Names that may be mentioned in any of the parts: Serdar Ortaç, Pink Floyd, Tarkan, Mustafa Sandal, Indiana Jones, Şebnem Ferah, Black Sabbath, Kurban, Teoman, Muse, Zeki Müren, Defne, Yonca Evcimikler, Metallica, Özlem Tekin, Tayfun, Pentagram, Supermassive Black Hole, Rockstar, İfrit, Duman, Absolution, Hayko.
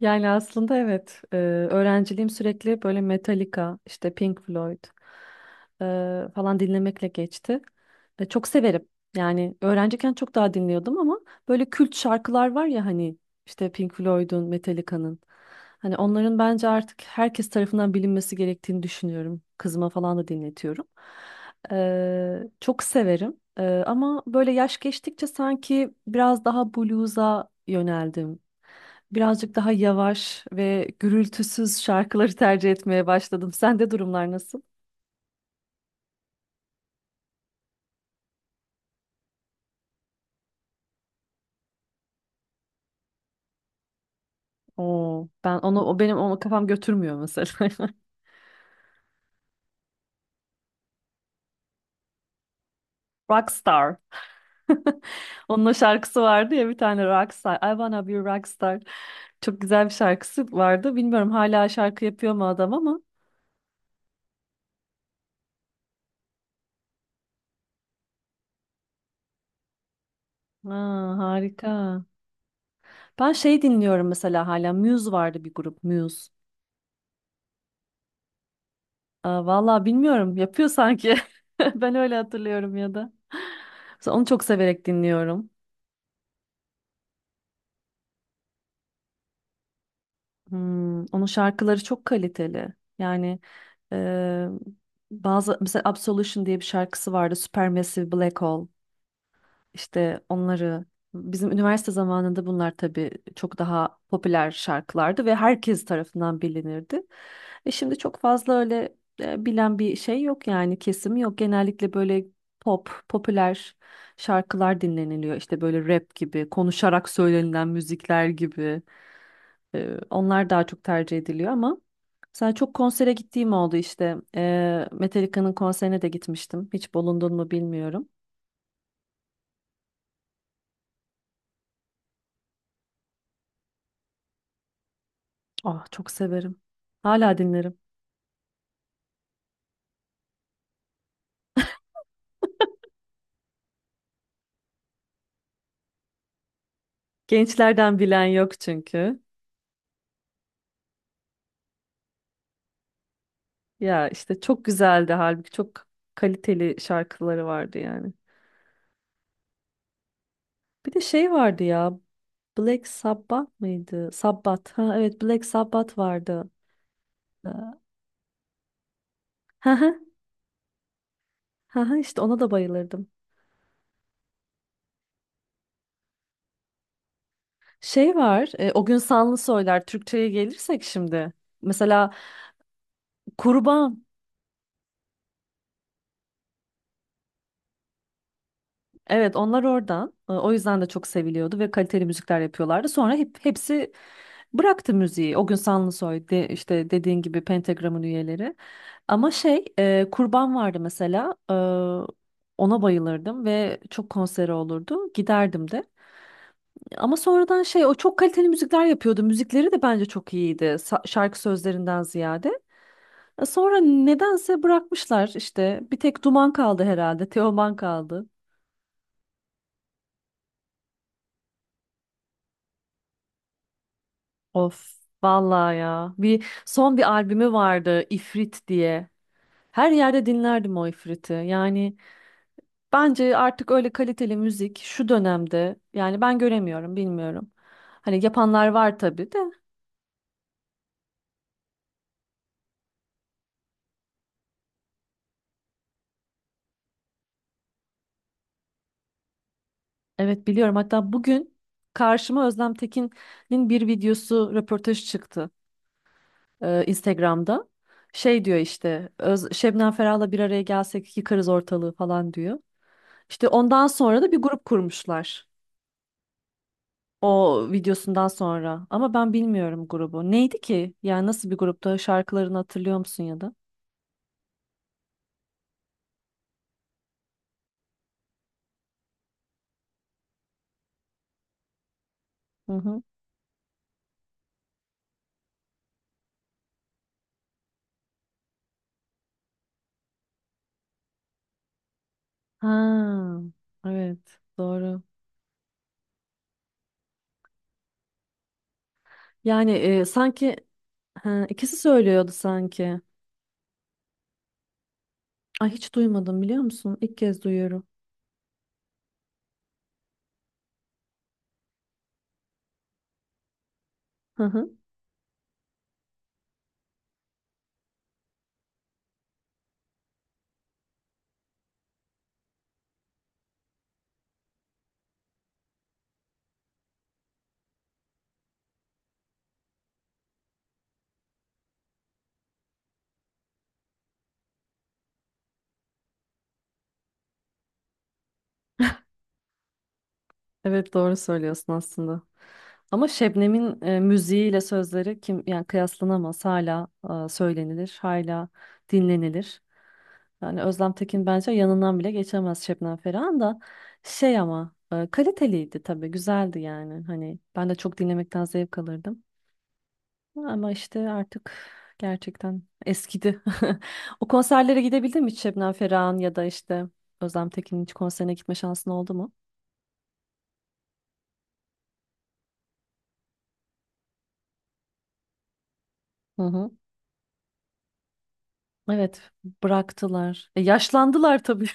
Yani aslında evet, öğrenciliğim sürekli böyle Metallica, işte Pink Floyd e, falan dinlemekle geçti. Çok severim. Yani öğrenciyken çok daha dinliyordum ama böyle kült şarkılar var ya hani işte Pink Floyd'un, Metallica'nın. Hani onların bence artık herkes tarafından bilinmesi gerektiğini düşünüyorum. Kızıma falan da dinletiyorum. Çok severim. Ama böyle yaş geçtikçe sanki biraz daha blues'a yöneldim. Birazcık daha yavaş ve gürültüsüz şarkıları tercih etmeye başladım. Sende durumlar nasıl? Oo, ben onu o benim onu kafam götürmüyor mesela. Rockstar. Onun o şarkısı vardı ya bir tane Rockstar. I wanna be a rockstar. Çok güzel bir şarkısı vardı. Bilmiyorum hala şarkı yapıyor mu adam ama. Aa, harika. Ben şey dinliyorum mesela hala. Muse vardı bir grup Muse. Aa, vallahi bilmiyorum yapıyor sanki. Ben öyle hatırlıyorum ya da. Mesela onu çok severek dinliyorum. Hmm, onun şarkıları çok kaliteli. Yani e, bazı mesela Absolution diye bir şarkısı vardı. Supermassive Black Hole. İşte onları bizim üniversite zamanında bunlar tabii çok daha popüler şarkılardı ve herkes tarafından bilinirdi. Şimdi çok fazla öyle bilen bir şey yok yani kesim yok. Genellikle böyle pop, popüler şarkılar dinleniliyor. İşte böyle rap gibi, konuşarak söylenilen müzikler gibi. Onlar daha çok tercih ediliyor ama mesela çok konsere gittiğim oldu işte. Metallica'nın konserine de gitmiştim. Hiç bulundun mu bilmiyorum. Ah çok severim. Hala dinlerim. Gençlerden bilen yok çünkü. Ya işte çok güzeldi halbuki çok kaliteli şarkıları vardı yani. Bir de şey vardı ya. Black Sabbath mıydı? Sabbath. Ha evet Black Sabbath vardı. Ee, Ha ha ha ha, işte ona da bayılırdım. Şey var. O gün Sanlı Soylar Türkçe'ye gelirsek şimdi. Mesela Kurban. Evet onlar oradan. O yüzden de çok seviliyordu ve kaliteli müzikler yapıyorlardı. Sonra hepsi bıraktı müziği. O gün Sanlısoy de, işte dediğin gibi Pentagram'ın üyeleri. Ama şey Kurban vardı mesela. Ona bayılırdım ve çok konseri olurdu. Giderdim de. Ama sonradan şey o çok kaliteli müzikler yapıyordu. Müzikleri de bence çok iyiydi, şarkı sözlerinden ziyade. Sonra nedense bırakmışlar işte. Bir tek Duman kaldı herhalde. Teoman kaldı. Of. Vallahi ya. Bir son bir albümü vardı İfrit diye. Her yerde dinlerdim o İfrit'i. Yani bence artık öyle kaliteli müzik şu dönemde yani ben göremiyorum, bilmiyorum. Hani yapanlar var tabii de. Evet biliyorum. Hatta bugün karşıma Özlem Tekin'in bir videosu, röportaj çıktı Instagram'da. Şey diyor işte, Şebnem Ferah'la bir araya gelsek yıkarız ortalığı falan diyor. İşte ondan sonra da bir grup kurmuşlar. O videosundan sonra. Ama ben bilmiyorum grubu. Neydi ki? Yani nasıl bir grupta? Şarkılarını hatırlıyor musun ya da? Hı hı. Ha, evet, doğru. Yani sanki ha, ikisi söylüyordu sanki. Ay hiç duymadım biliyor musun? İlk kez duyuyorum. Hı hı. Evet doğru söylüyorsun aslında. Ama Şebnem'in müziğiyle sözleri kim yani kıyaslanamaz. Hala söylenilir, hala dinlenilir. Yani Özlem Tekin bence yanından bile geçemez Şebnem Ferah'ın da şey ama kaliteliydi tabii, güzeldi yani. Hani ben de çok dinlemekten zevk alırdım. Ama işte artık gerçekten eskidi. O konserlere gidebildin mi hiç Şebnem Ferah'ın ya da işte Özlem Tekin'in hiç konserine gitme şansın oldu mu? Hı hı. Evet, bıraktılar. Yaşlandılar tabii.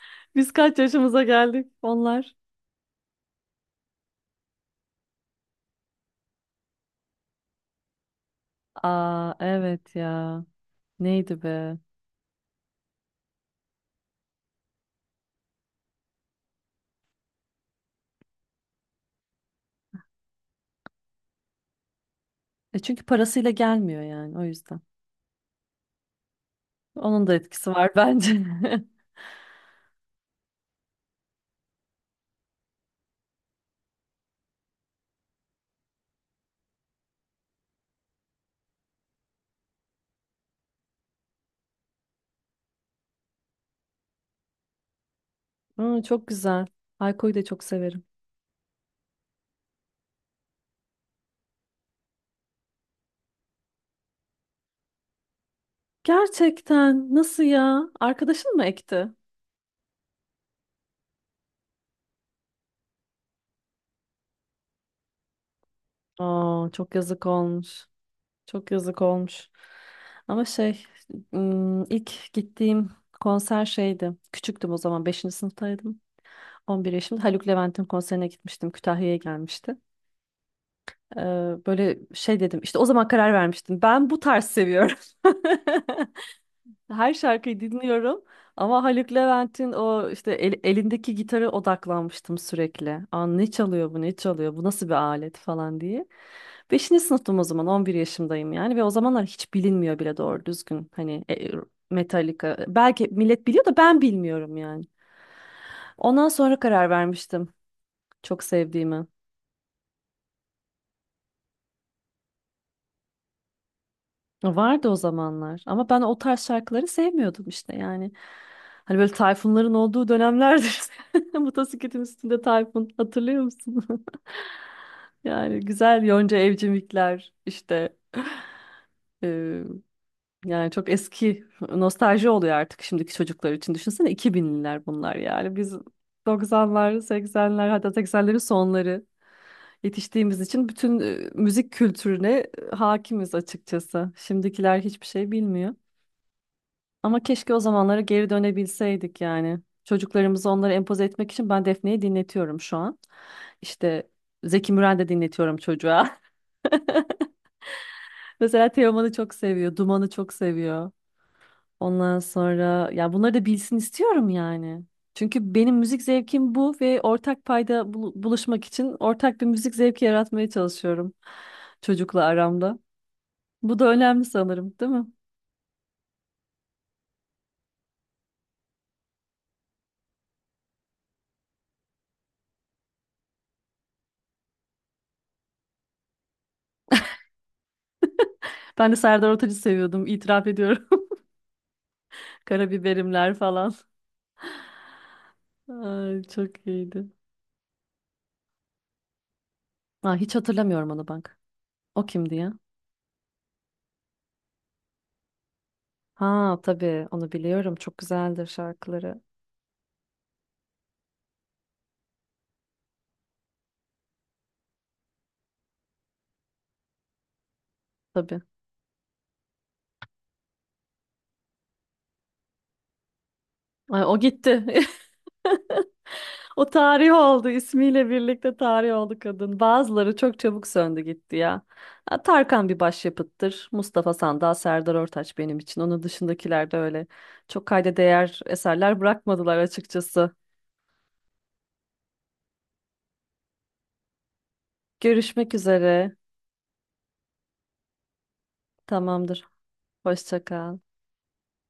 Biz kaç yaşımıza geldik onlar? Aa evet ya. Neydi be? Çünkü parasıyla gelmiyor yani o yüzden. Onun da etkisi var bence. Aa, çok güzel. Hayko'yu da çok severim. Gerçekten nasıl ya? Arkadaşın mı ekti? Aa çok yazık olmuş. Çok yazık olmuş. Ama şey ilk gittiğim konser şeydi. Küçüktüm o zaman beşinci sınıftaydım. 11 yaşımda Haluk Levent'in konserine gitmiştim. Kütahya'ya gelmişti. Ee, böyle şey dedim işte o zaman karar vermiştim. Ben bu tarz seviyorum. Her şarkıyı dinliyorum ama Haluk Levent'in o işte elindeki gitara odaklanmıştım sürekli. Aa, ne çalıyor bu ne çalıyor bu nasıl bir alet falan diye. Beşinci sınıftım o zaman 11 yaşımdayım yani ve o zamanlar hiç bilinmiyor bile doğru düzgün hani Metallica belki millet biliyor da ben bilmiyorum yani. Ondan sonra karar vermiştim çok sevdiğimi. Vardı o zamanlar ama ben o tarz şarkıları sevmiyordum işte yani. Hani böyle Tayfunların olduğu dönemlerdir. Motosikletin üstünde Tayfun hatırlıyor musun? Yani güzel Yonca Evcimikler işte e, yani çok eski nostalji oluyor artık şimdiki çocuklar için. Düşünsene 2000'liler bunlar yani biz 90'lar 80'ler hatta 80'lerin sonları yetiştiğimiz için bütün müzik kültürüne hakimiz açıkçası. Şimdikiler hiçbir şey bilmiyor. Ama keşke o zamanlara geri dönebilseydik yani. Çocuklarımızı onlara empoze etmek için ben Defne'yi dinletiyorum şu an. İşte Zeki Müren de dinletiyorum çocuğa. Mesela Teoman'ı çok seviyor, Duman'ı çok seviyor. Ondan sonra ya bunları da bilsin istiyorum yani. Çünkü benim müzik zevkim bu ve ortak payda buluşmak için ortak bir müzik zevki yaratmaya çalışıyorum çocukla aramda. Bu da önemli sanırım, değil mi? Ben de Serdar Ortaç'ı seviyordum, itiraf ediyorum. Karabiberimler falan. Ay, çok iyiydi. Aa, hiç hatırlamıyorum onu bak. O kimdi ya? Ha tabii onu biliyorum. Çok güzeldir şarkıları. Tabii. Ay, o gitti. O tarih oldu, ismiyle birlikte tarih oldu kadın. Bazıları çok çabuk söndü gitti ya. Ha, Tarkan bir başyapıttır. Mustafa Sandal, Serdar Ortaç benim için. Onun dışındakiler de öyle. Çok kayda değer eserler bırakmadılar açıkçası. Görüşmek üzere. Tamamdır. Hoşça kal.